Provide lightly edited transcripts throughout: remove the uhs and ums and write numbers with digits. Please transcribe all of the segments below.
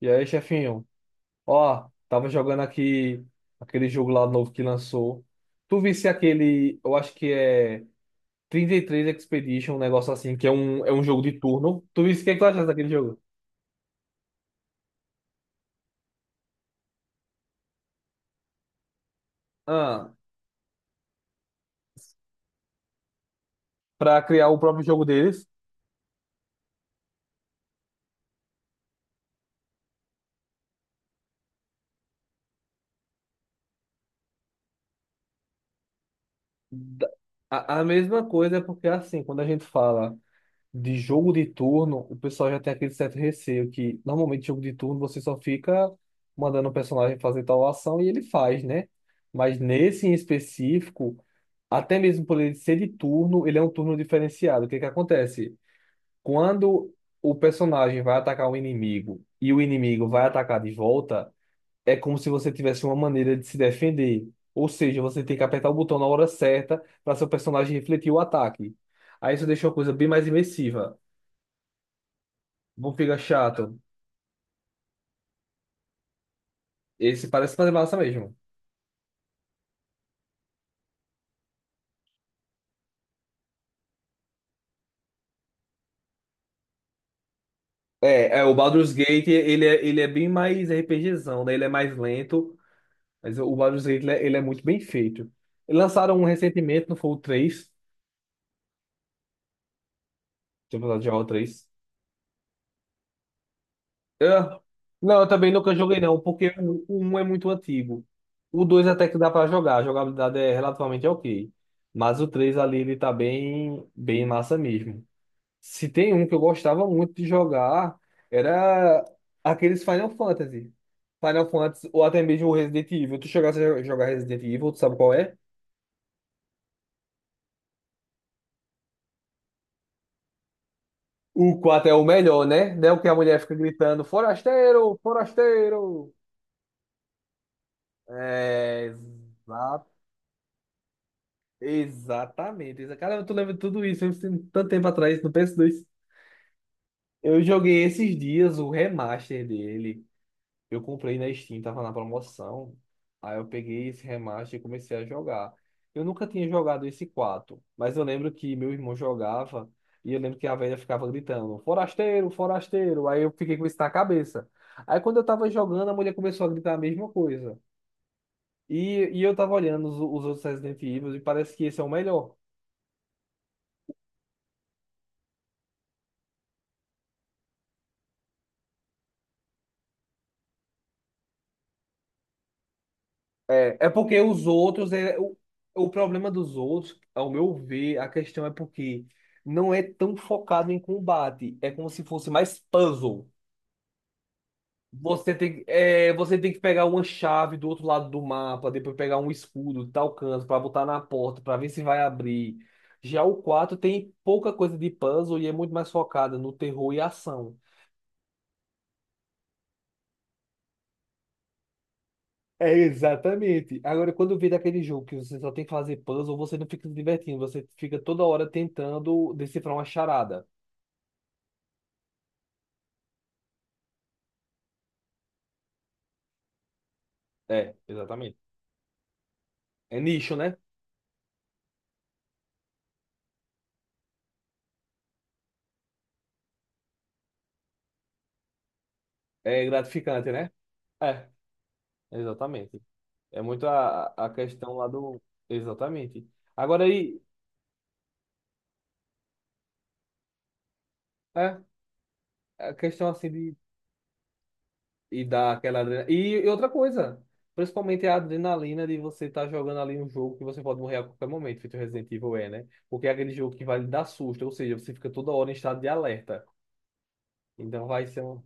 E aí, chefinho? Ó, tava jogando aqui aquele jogo lá novo que lançou. Tu visse aquele, eu acho que é 33 Expedition, um negócio assim, que é um jogo de turno. Tu visse o que tu achaste daquele jogo? Ah, pra criar o próprio jogo deles. da- a mesma coisa é porque é assim, quando a gente fala de jogo de turno, o pessoal já tem aquele certo receio que normalmente jogo de turno você só fica mandando o personagem fazer tal ação e ele faz, né? Mas nesse em específico, até mesmo por ele ser de turno, ele é um turno diferenciado. O que que acontece? Quando o personagem vai atacar um inimigo e o inimigo vai atacar de volta, é como se você tivesse uma maneira de se defender. Ou seja, você tem que apertar o botão na hora certa para seu personagem refletir o ataque. Aí isso deixa uma coisa bem mais imersiva. Não fica chato. Esse parece fazer massa mesmo. O Baldur's Gate, ele é bem mais RPGzão, né? Ele é mais lento, mas o Baldur's Gate, ele é muito bem feito. Eles lançaram um recentemente, não foi o 3? Deixa eu falar de jogar o 3. Ah, não, eu também nunca joguei não, porque o um é muito antigo. O 2 até que dá pra jogar, a jogabilidade é relativamente ok. Mas o 3 ali, ele tá bem, bem massa mesmo. Se tem um que eu gostava muito de jogar, era aqueles Final Fantasy. Final Fantasy, ou até mesmo o Resident Evil. Tu chegasse a jogar Resident Evil, tu sabe qual é? O 4 é o melhor, né? Não é o que a mulher fica gritando, forasteiro, forasteiro. É, exatamente. Caramba, tu lembra de tudo isso, eu tenho tanto tempo atrás, no PS2. Eu joguei esses dias o remaster dele. Eu comprei na Steam, tava na promoção. Aí eu peguei esse remaster e comecei a jogar. Eu nunca tinha jogado esse 4 mas eu lembro que meu irmão jogava e eu lembro que a velha ficava gritando: forasteiro, forasteiro. Aí eu fiquei com isso na cabeça. Aí quando eu tava jogando, a mulher começou a gritar a mesma coisa. E eu tava olhando os outros Resident Evil e parece que esse é o melhor. É porque os outros, o problema dos outros, ao meu ver, a questão é porque não é tão focado em combate. É como se fosse mais puzzle. Você tem, você tem que pegar uma chave do outro lado do mapa, depois pegar um escudo de tal canto para botar na porta, para ver se vai abrir. Já o 4 tem pouca coisa de puzzle e é muito mais focada no terror e ação. É exatamente. Agora, quando vira daquele jogo que você só tem que fazer puzzle, você não fica se divertindo, você fica toda hora tentando decifrar uma charada. É, exatamente. É nicho, né? É gratificante, né? É, exatamente. É muito a questão lá do. Exatamente. Agora aí, é, a questão assim de E dá aquela adrenalina. E outra coisa, principalmente a adrenalina de você estar jogando ali um jogo que você pode morrer a qualquer momento, feito Resident Evil é, né? Porque é aquele jogo que vai lhe dar susto, ou seja, você fica toda hora em estado de alerta. Então vai ser um.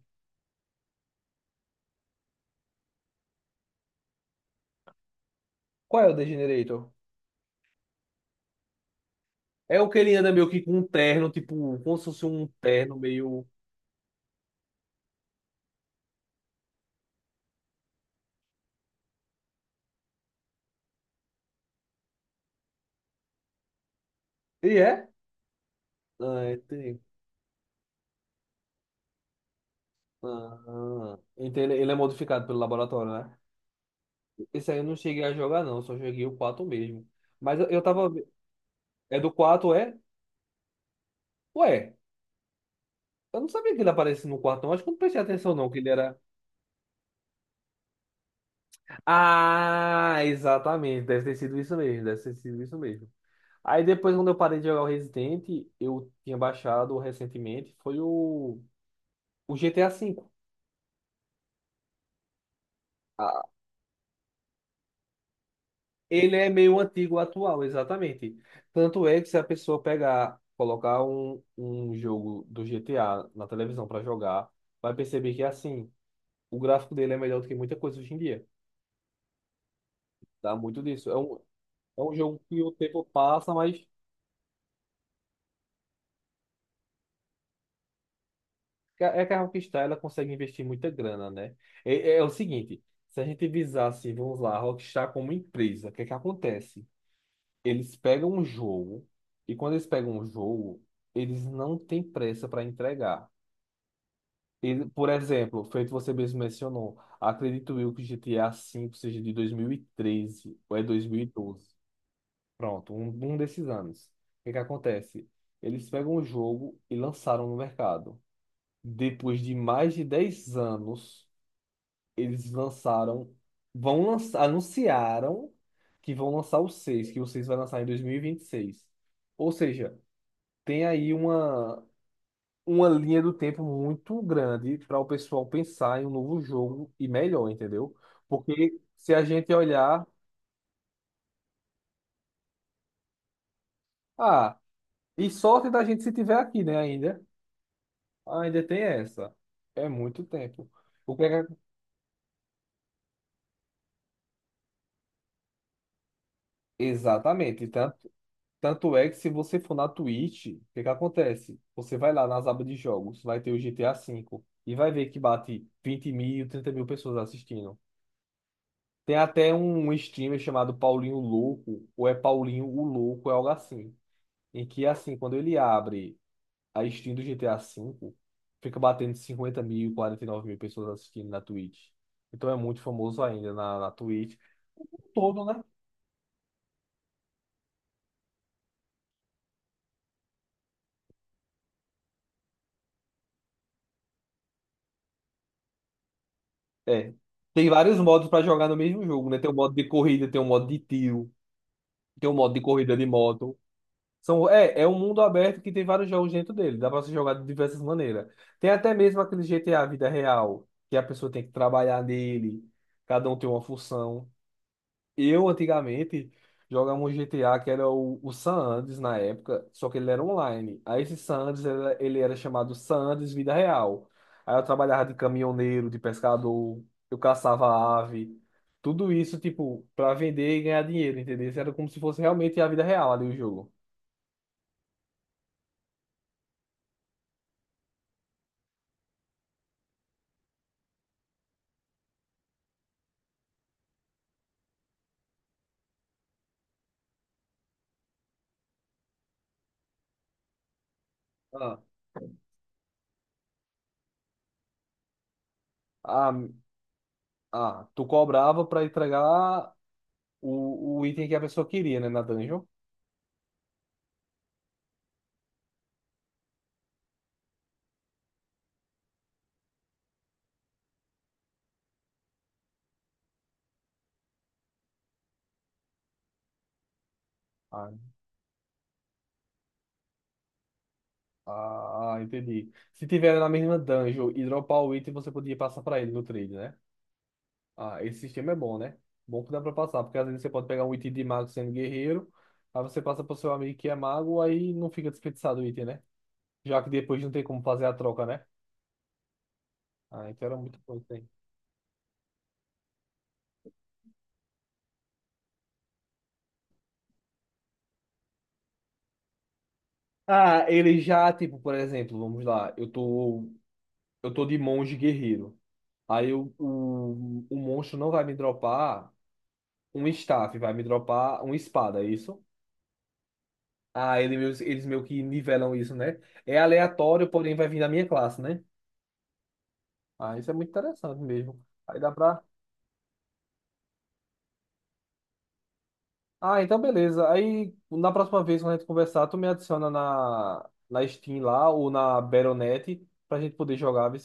Qual é o Degenerator? É o que ele anda meio que com um terno, tipo, como se fosse um terno meio. E é? Ah, é, tem. Ah, ah. Então ele é modificado pelo laboratório, né? Esse aí eu não cheguei a jogar, não, só joguei o 4 mesmo. Mas eu tava. É do 4 é? Ué. Eu não sabia que ele aparecia no quarto, não. Acho que eu não prestei atenção, não, que ele era. Ah, exatamente. Deve ter sido isso mesmo. Deve ter sido isso mesmo. Aí depois, quando eu parei de jogar o Resident, eu tinha baixado recentemente, foi o GTA V. Ah, ele é meio antigo atual, exatamente. Tanto é que se a pessoa pegar, colocar um jogo do GTA na televisão para jogar, vai perceber que assim, o gráfico dele é melhor do que muita coisa hoje em dia. Dá muito disso. É um jogo que o tempo passa, mas É que a Rockstar ela consegue investir muita grana, né? É o seguinte, se a gente visasse, vamos lá, a Rockstar como empresa, o que é que acontece? Eles pegam um jogo e quando eles pegam um jogo, eles não têm pressa para entregar. Ele, por exemplo, feito você mesmo mencionou, acredito eu que GTA V seja de 2013 ou é 2012, pronto, um desses anos. O que é que acontece? Eles pegam o jogo e lançaram no mercado. Depois de mais de 10 anos eles lançaram, vão lançar, anunciaram que vão lançar o 6 que o 6 vai lançar em dois mil e vinte e seis. Ou seja, tem aí uma linha do tempo muito grande para o pessoal pensar em um novo jogo e melhor, entendeu? Porque se a gente olhar, ah, e sorte da gente se tiver aqui, né, ainda. Ainda tem essa. É muito tempo. O que é que- Exatamente, tá? Tanto é que se você for na Twitch, o que que acontece? Você vai lá nas abas de jogos, vai ter o GTA V e vai ver que bate 20 mil, 30 mil pessoas assistindo. Tem até um streamer chamado Paulinho Louco, ou é Paulinho o Louco, é algo assim. Em que, assim, quando ele abre a stream do GTA V, fica batendo 50 mil, 49 mil pessoas assistindo na Twitch. Então é muito famoso ainda na Twitch. O mundo todo, né? É. Tem vários modos pra jogar no mesmo jogo, né? Tem um modo de corrida, tem um modo de tiro, tem um modo de corrida de moto. São, é um mundo aberto que tem vários jogos dentro dele. Dá pra se jogar de diversas maneiras. Tem até mesmo aquele GTA Vida Real, que a pessoa tem que trabalhar nele, cada um tem uma função. Eu antigamente jogava um GTA que era o San Andreas na época, só que ele era online. Aí esse San Andreas era, ele era chamado San Andreas Vida Real. Aí eu trabalhava de caminhoneiro, de pescador, eu caçava ave, tudo isso tipo para vender e ganhar dinheiro, entendeu? Isso era como se fosse realmente a vida real ali o jogo. Ah, ah, ah, tu cobrava para entregar o item que a pessoa queria, né, na dungeon. Ah, ah, entendi. Se tiver na mesma dungeon e dropar o item, você podia passar pra ele no trade, né? Ah, esse sistema é bom, né? Bom que dá pra passar, porque às vezes você pode pegar um item de mago sendo guerreiro, aí você passa pro seu amigo que é mago, aí não fica desperdiçado o item, né? Já que depois não tem como fazer a troca, né? Ah, então era muito bom isso aí. Ah, ele já, tipo, por exemplo, vamos lá, eu tô de monge guerreiro. Aí o monstro não vai me dropar um staff, vai me dropar uma espada, é isso? Ah, eles meio que nivelam isso, né? É aleatório, porém vai vir da minha classe, né? Ah, isso é muito interessante mesmo. Aí dá pra. Ah, então beleza. Aí na próxima vez, quando a gente conversar, tu me adiciona na Steam lá ou na Battle.net pra gente poder jogar, vê